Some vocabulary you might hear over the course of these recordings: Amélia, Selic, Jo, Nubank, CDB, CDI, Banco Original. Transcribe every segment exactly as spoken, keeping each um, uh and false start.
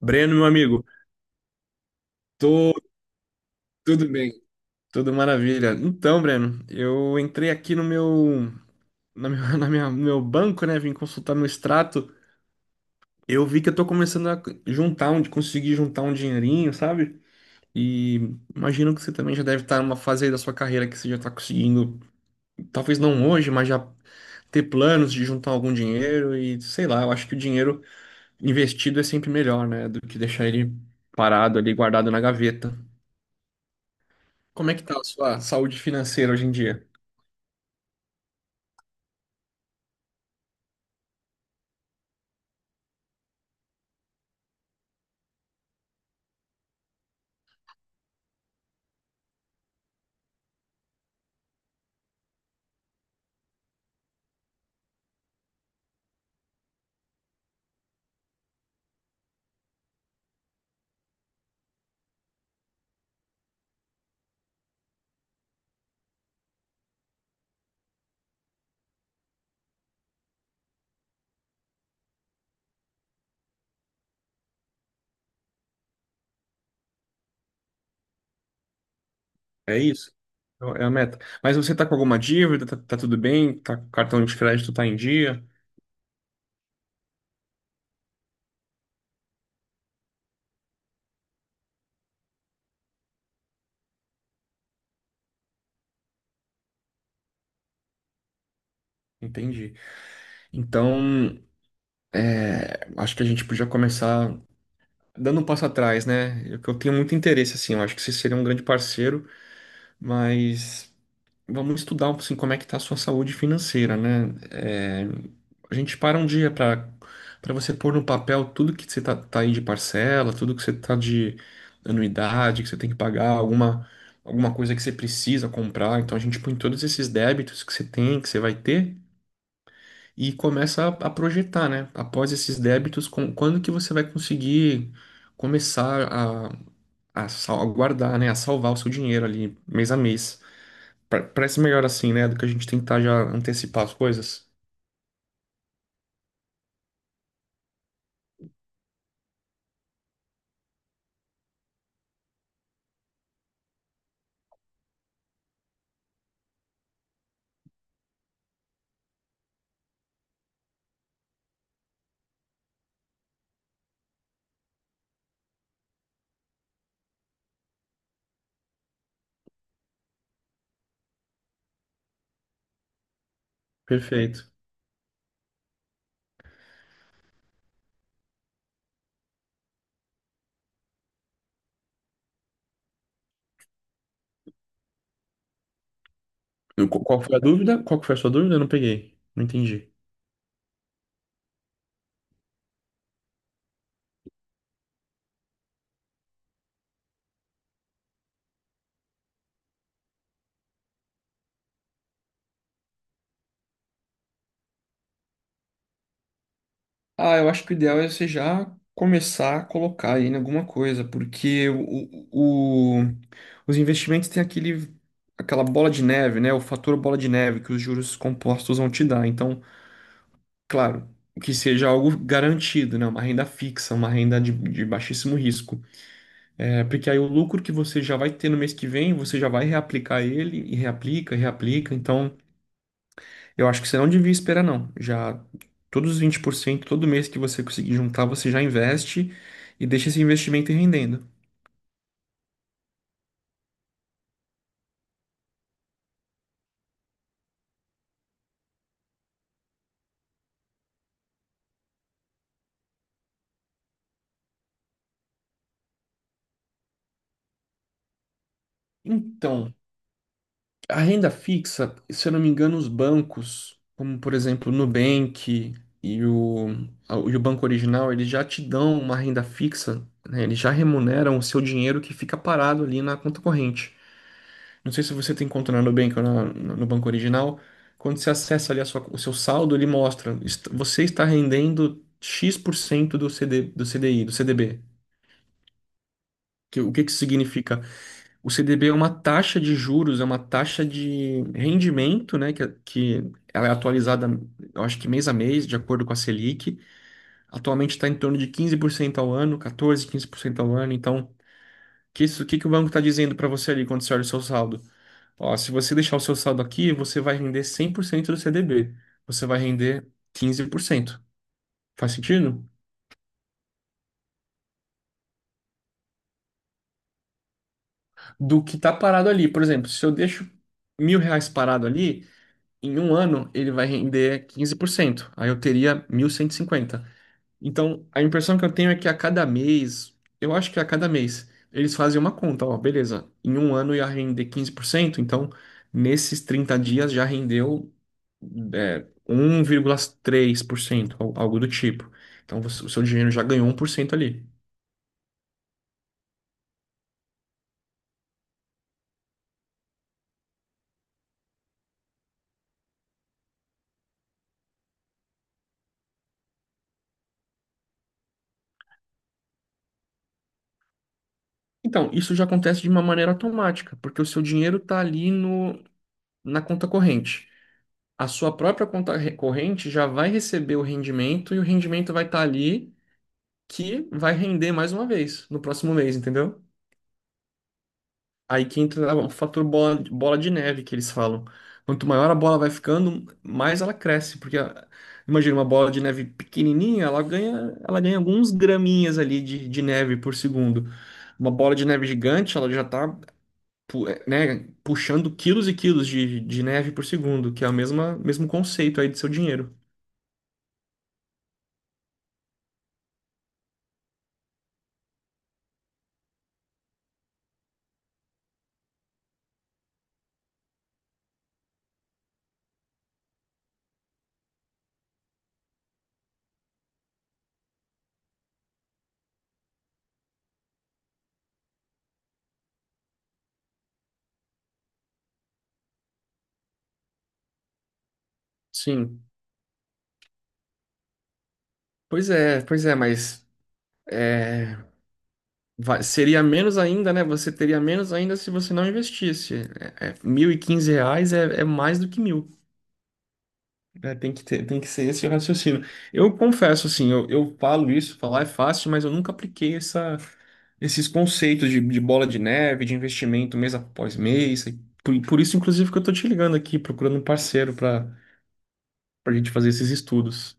Breno, meu amigo, tô tudo bem, tudo maravilha. Então, Breno, eu entrei aqui no meu, na minha, na minha- no meu banco, né? Vim consultar meu extrato. Eu vi que eu tô começando a juntar, onde conseguir juntar um dinheirinho, sabe? E imagino que você também já deve estar numa fase aí da sua carreira que você já tá conseguindo, talvez não hoje, mas já ter planos de juntar algum dinheiro e sei lá, eu acho que o dinheiro investido é sempre melhor, né? Do que deixar ele parado ali, guardado na gaveta. Como é que tá a sua saúde financeira hoje em dia? É isso? É a meta. Mas você tá com alguma dívida? Tá, tá tudo bem? Tá, com cartão de crédito tá em dia? Entendi. Então, é, acho que a gente podia começar dando um passo atrás, né? Eu, eu tenho muito interesse, assim. Eu acho que você seria um grande parceiro, mas vamos estudar assim, como é que está a sua saúde financeira, né? É, a gente para um dia para para você pôr no papel tudo que você tá, tá aí de parcela, tudo que você tá de anuidade, que você tem que pagar, alguma, alguma coisa que você precisa comprar. Então a gente põe todos esses débitos que você tem, que você vai ter, e começa a, a projetar, né? Após esses débitos, com- quando que você vai conseguir começar a, a, sal- a guardar, né? A salvar o seu dinheiro ali mês a mês. Pa- Parece melhor assim, né? Do que a gente tentar já antecipar as coisas. Perfeito. E qu- Qual foi a dúvida? Qual que foi a sua dúvida? Eu não peguei. Não entendi. Ah, eu acho que o ideal é você já começar a colocar aí em alguma coisa, porque o, o- o- os investimentos têm aquele, aquela bola de neve, né? O fator bola de neve que os juros compostos vão te dar. Então, claro, que seja algo garantido, né? Uma renda fixa, uma renda de, de baixíssimo risco. É, porque aí o lucro que você já vai ter no mês que vem, você já vai reaplicar ele e reaplica, reaplica. Então, eu acho que você não devia esperar, não. Já todos os vinte por cento todo mês que você conseguir juntar, você já investe e deixa esse investimento ir rendendo. Então, a renda fixa, se eu não me engano, os bancos, como por exemplo o Nubank e o, a- e o Banco Original, eles já te dão uma renda fixa, né? Eles já remuneram o seu dinheiro que fica parado ali na conta corrente. Não sei se você tem conta na Nubank ou na- no no banco original. Quando você acessa ali a sua- o seu saldo, ele mostra, est- você está rendendo X% do C D, do C D I, do C D B. Que- o que que isso significa? O C D B é uma taxa de juros, é uma taxa de rendimento, né, que, é, que ela é atualizada, eu acho que mês a mês, de acordo com a Selic. Atualmente está em torno de quinze por cento ao ano, quatorze, quinze por cento ao ano. Então, que isso, o que que o banco está dizendo para você ali quando você olha o seu saldo? Ó, se você deixar o seu saldo aqui, você vai render cem por cento do C D B. Você vai render quinze por cento. Faz sentido? Do que tá parado ali. Por exemplo, se eu deixo mil reais parado ali, em um ano ele vai render quinze por cento. Aí eu teria mil cento e cinquenta. Então, a impressão que eu tenho é que a cada mês, eu acho que a cada mês, eles fazem uma conta, ó, beleza, em um ano ia render quinze por cento, então nesses trinta dias já rendeu é, um vírgula três por cento, al- algo do tipo. Então, você- o seu dinheiro já ganhou um por cento ali. Então, isso já acontece de uma maneira automática, porque o seu dinheiro está ali no, na conta corrente. A sua própria conta re- corrente já vai receber o rendimento e o rendimento vai estar ali que vai render mais uma vez no próximo mês, entendeu? Aí que entra o fator bola, bola de neve que eles falam. Quanto maior a bola vai ficando, mais ela cresce, porque a- imagina uma bola de neve pequenininha, ela ganha, ela ganha alguns graminhas ali de, de neve por segundo. Uma bola de neve gigante, ela já tá, pu- eh, né, puxando quilos e quilos de, de neve por segundo, que é o mesma, mesmo conceito aí de seu dinheiro. Sim. Pois é, pois é, mas é, vai- seria menos ainda, né? Você teria menos ainda se você não investisse. É, é, mil e quinze reais é, é mais do que mil. É, tem que ter, tem que ser esse o raciocínio. Eu confesso, assim, eu, eu falo isso, falar é fácil, mas eu nunca apliquei essa, esses conceitos de, de bola de neve, de investimento mês após mês. E Por, por isso, inclusive, que eu tô te ligando aqui, procurando um parceiro para a gente fazer esses estudos.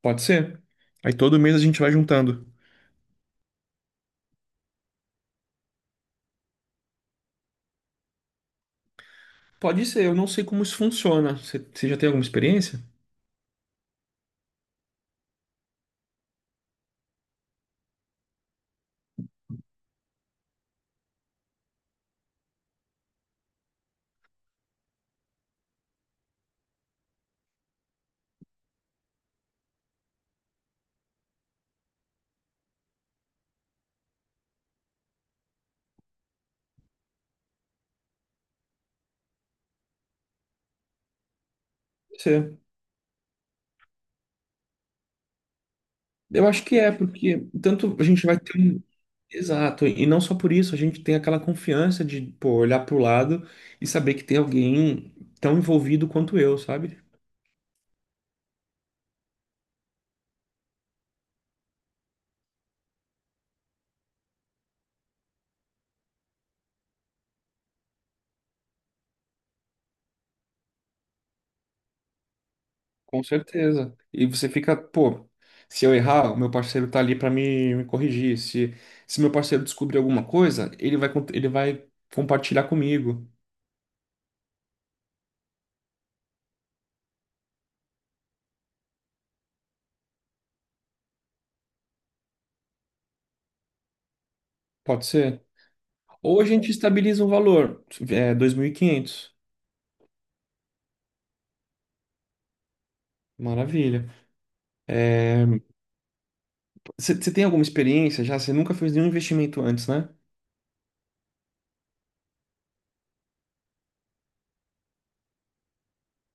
Pode ser? Aí todo mês a gente vai juntando. Pode ser, eu não sei como isso funciona. Você você já tem alguma experiência? Pode ser. Eu acho que é, porque tanto a gente vai ter um. Exato, e não só por isso, a gente tem aquela confiança de, pô, olhar pro lado e saber que tem alguém tão envolvido quanto eu, sabe? Com certeza. E você fica, pô, se eu errar, o meu parceiro tá ali pra me, me corrigir. Se, se meu parceiro descobrir alguma coisa, ele vai, cont- ele vai compartilhar comigo. Pode ser? Ou a gente estabiliza um valor, é, dois mil e quinhentos. Maravilha. É, você tem alguma experiência já? Você nunca fez nenhum investimento antes, né?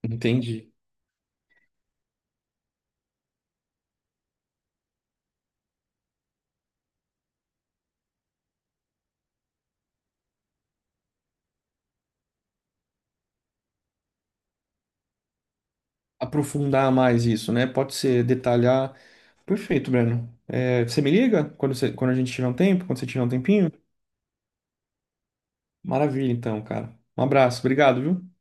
Entendi. Aprofundar mais isso, né? Pode ser detalhar. Perfeito, Breno. É, você me liga quando, você, quando a gente tiver um tempo, quando você tiver um tempinho? Maravilha, então, cara. Um abraço, obrigado, viu?